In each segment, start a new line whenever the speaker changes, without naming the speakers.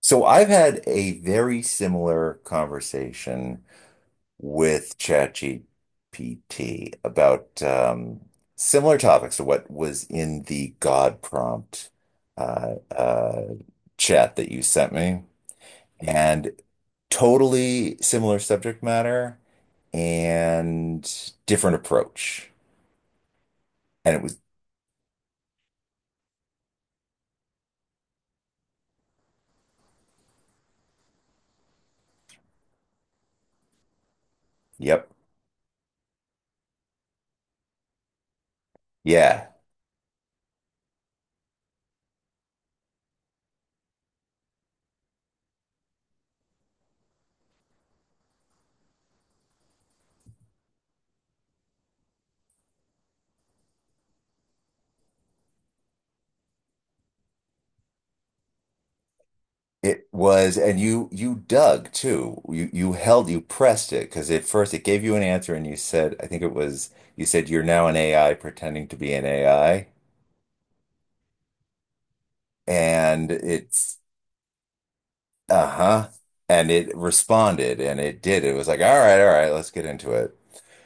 So I've had a very similar conversation with ChatGPT about similar topics to what was in the God prompt uh, uh, chat that you sent me. Mm. And totally similar subject matter and different approach. And it was, yep, yeah, it was. And you dug too. You held, you pressed it because at first it gave you an answer, and you said, I think it was, you said you're now an AI pretending to be an AI, and it's uh-huh, and it responded, and it did. It was like, all right, let's get into it.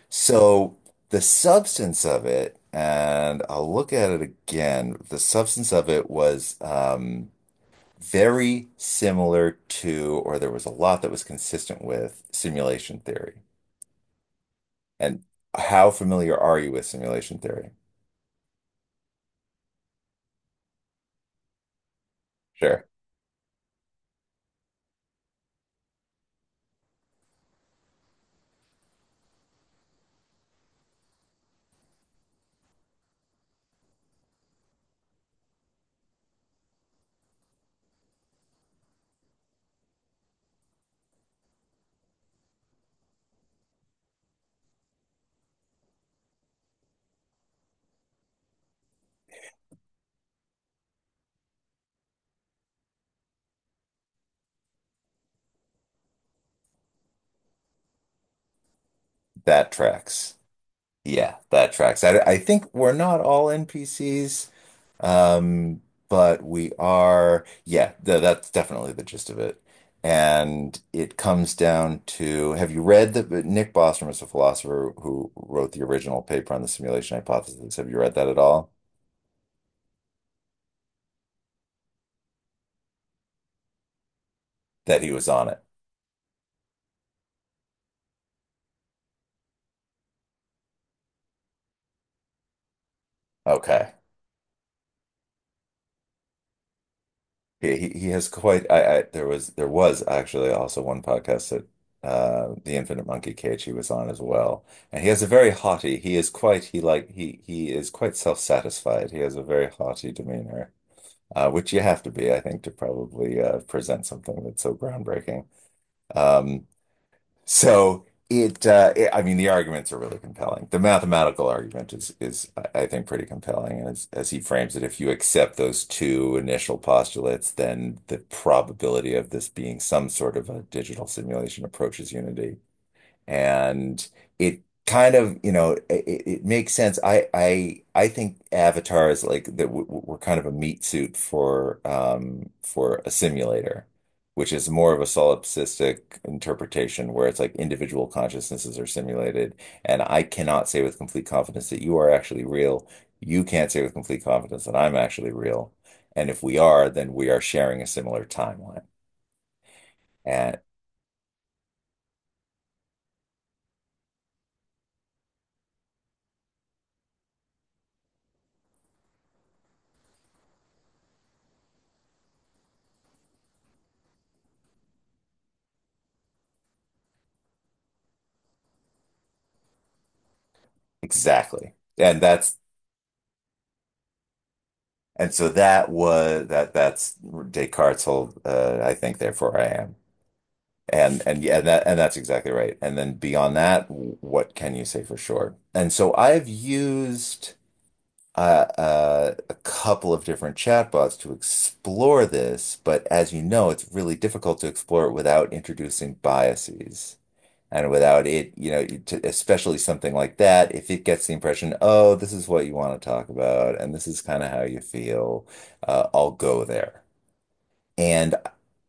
So the substance of it, and I'll look at it again. The substance of it was, very similar to, or there was a lot that was consistent with simulation theory. And how familiar are you with simulation theory? Sure. That tracks. Yeah, that tracks. I think we're not all NPCs, um, but we are. Yeah, th that's definitely the gist of it. And it comes down to, have you read that? Nick Bostrom is a philosopher who wrote the original paper on the simulation hypothesis. Have you read that at all? That he was on it. Okay. He has quite. I there was actually also one podcast that the Infinite Monkey Cage he was on as well, and he has a very haughty. He is quite. He is quite self-satisfied. He has a very haughty demeanor, which you have to be, I think, to probably present something that's so groundbreaking. Um, so it, it, I mean, the arguments are really compelling. The mathematical argument is, is I think, pretty compelling. And as he frames it, if you accept those two initial postulates, then the probability of this being some sort of a digital simulation approaches unity, and it kind of, you know, it makes sense. I think Avatar is like that. We're kind of a meat suit for a simulator, which is more of a solipsistic interpretation, where it's like individual consciousnesses are simulated, and I cannot say with complete confidence that you are actually real. You can't say with complete confidence that I'm actually real, and if we are, then we are sharing a similar timeline, and exactly, and that's. And so that was that that's Descartes' whole I think therefore I am. And yeah, that and that's exactly right. And then beyond that, what can you say for sure? And so I've used a couple of different chatbots to explore this, but as you know, it's really difficult to explore it without introducing biases. And without it, you know, to, especially something like that, if it gets the impression, oh, this is what you want to talk about, and this is kind of how you feel, I'll go there. And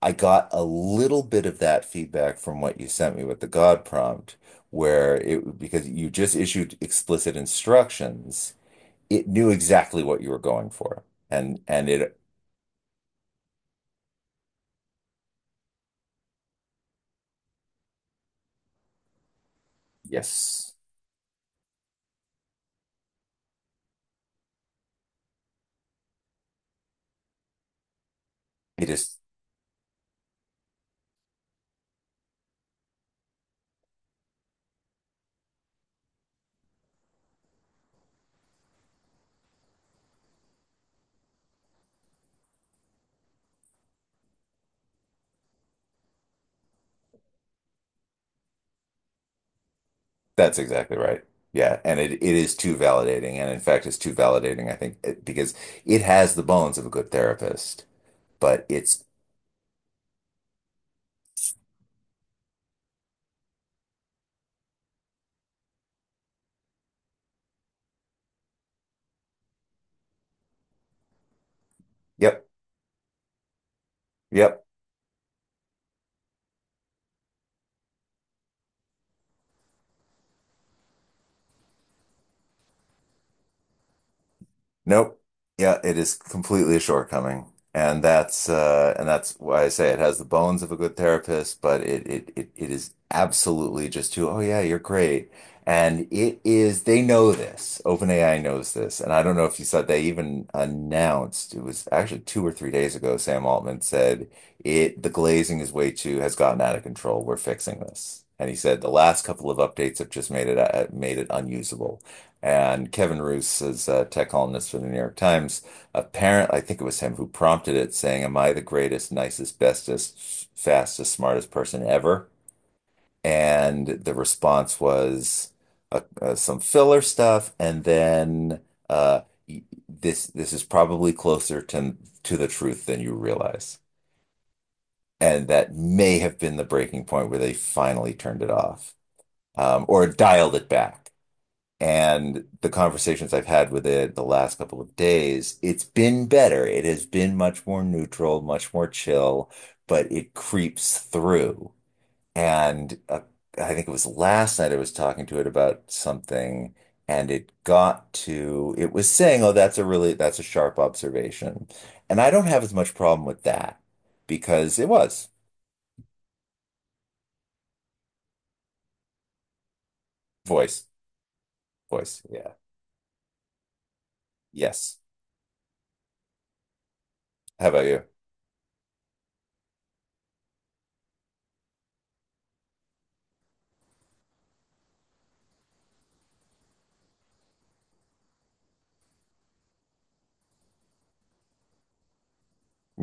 I got a little bit of that feedback from what you sent me with the God prompt, where it, because you just issued explicit instructions, it knew exactly what you were going for. And it, yes, it is. That's exactly right. Yeah, and it is too validating, and in fact, it's too validating, I think, because it has the bones of a good therapist, but it's yep, yep. Nope. Yeah, it is completely a shortcoming. And that's why I say it has the bones of a good therapist, but it is absolutely just too, oh yeah, you're great. And it is, they know this. OpenAI knows this. And I don't know if you saw, they even announced, it was actually two or three days ago, Sam Altman said it, the glazing is way too has gotten out of control. We're fixing this. And he said the last couple of updates have just made it unusable. And Kevin Roose is a tech columnist for the New York Times. Apparently, I think it was him who prompted it, saying, am I the greatest, nicest, bestest, fastest, smartest person ever? And the response was some filler stuff. And then uh, this this is probably closer to the truth than you realize. And that may have been the breaking point where they finally turned it off, or dialed it back. And the conversations I've had with it the last couple of days, it's been better. It has been much more neutral, much more chill, but it creeps through. And I think it was last night I was talking to it about something, and it got to, it was saying, oh, that's a really, that's a sharp observation. And I don't have as much problem with that because it was voice, voice. Yeah. Yes. How about you?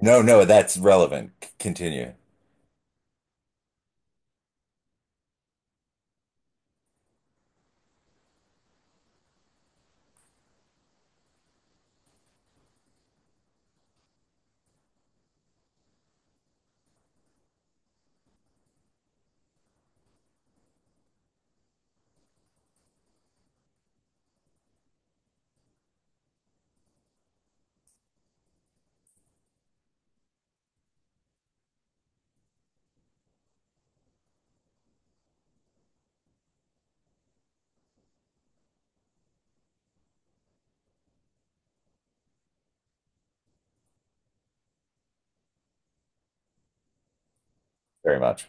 No, no, that's relevant. Continue very much.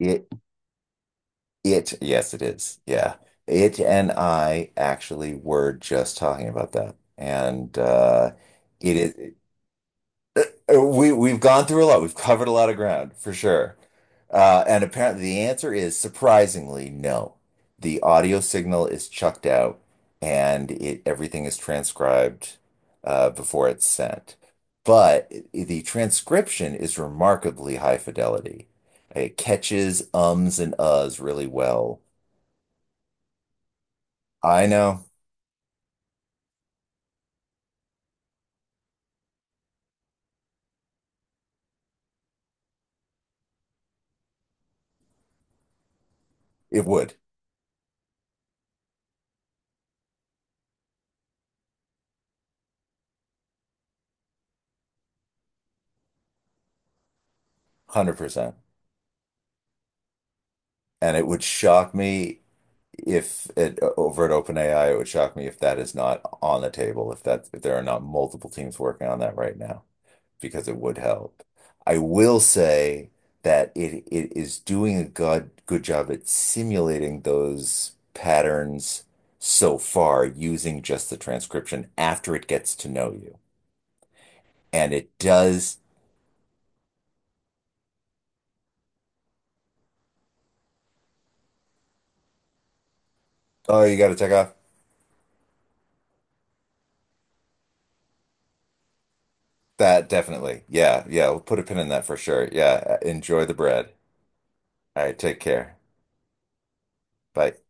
It, it, yes, it is. Yeah. It and I actually were just talking about that. And it is. Uh, We we've gone through a lot. We've covered a lot of ground for sure. And apparently the answer is surprisingly no. The audio signal is chucked out and it everything is transcribed before it's sent. But the transcription is remarkably high fidelity. It catches ums and uhs really well. I know it would, 100%. And it would shock me if it over at OpenAI, it would shock me if that is not on the table, if that if there are not multiple teams working on that right now, because it would help. I will say that it is doing a good job at simulating those patterns so far using just the transcription after it gets to know you. And it does. Oh, you got to take off. That definitely. Yeah, yeah. We'll put a pin in that for sure. Yeah. Enjoy the bread. All right. Take care. Bye.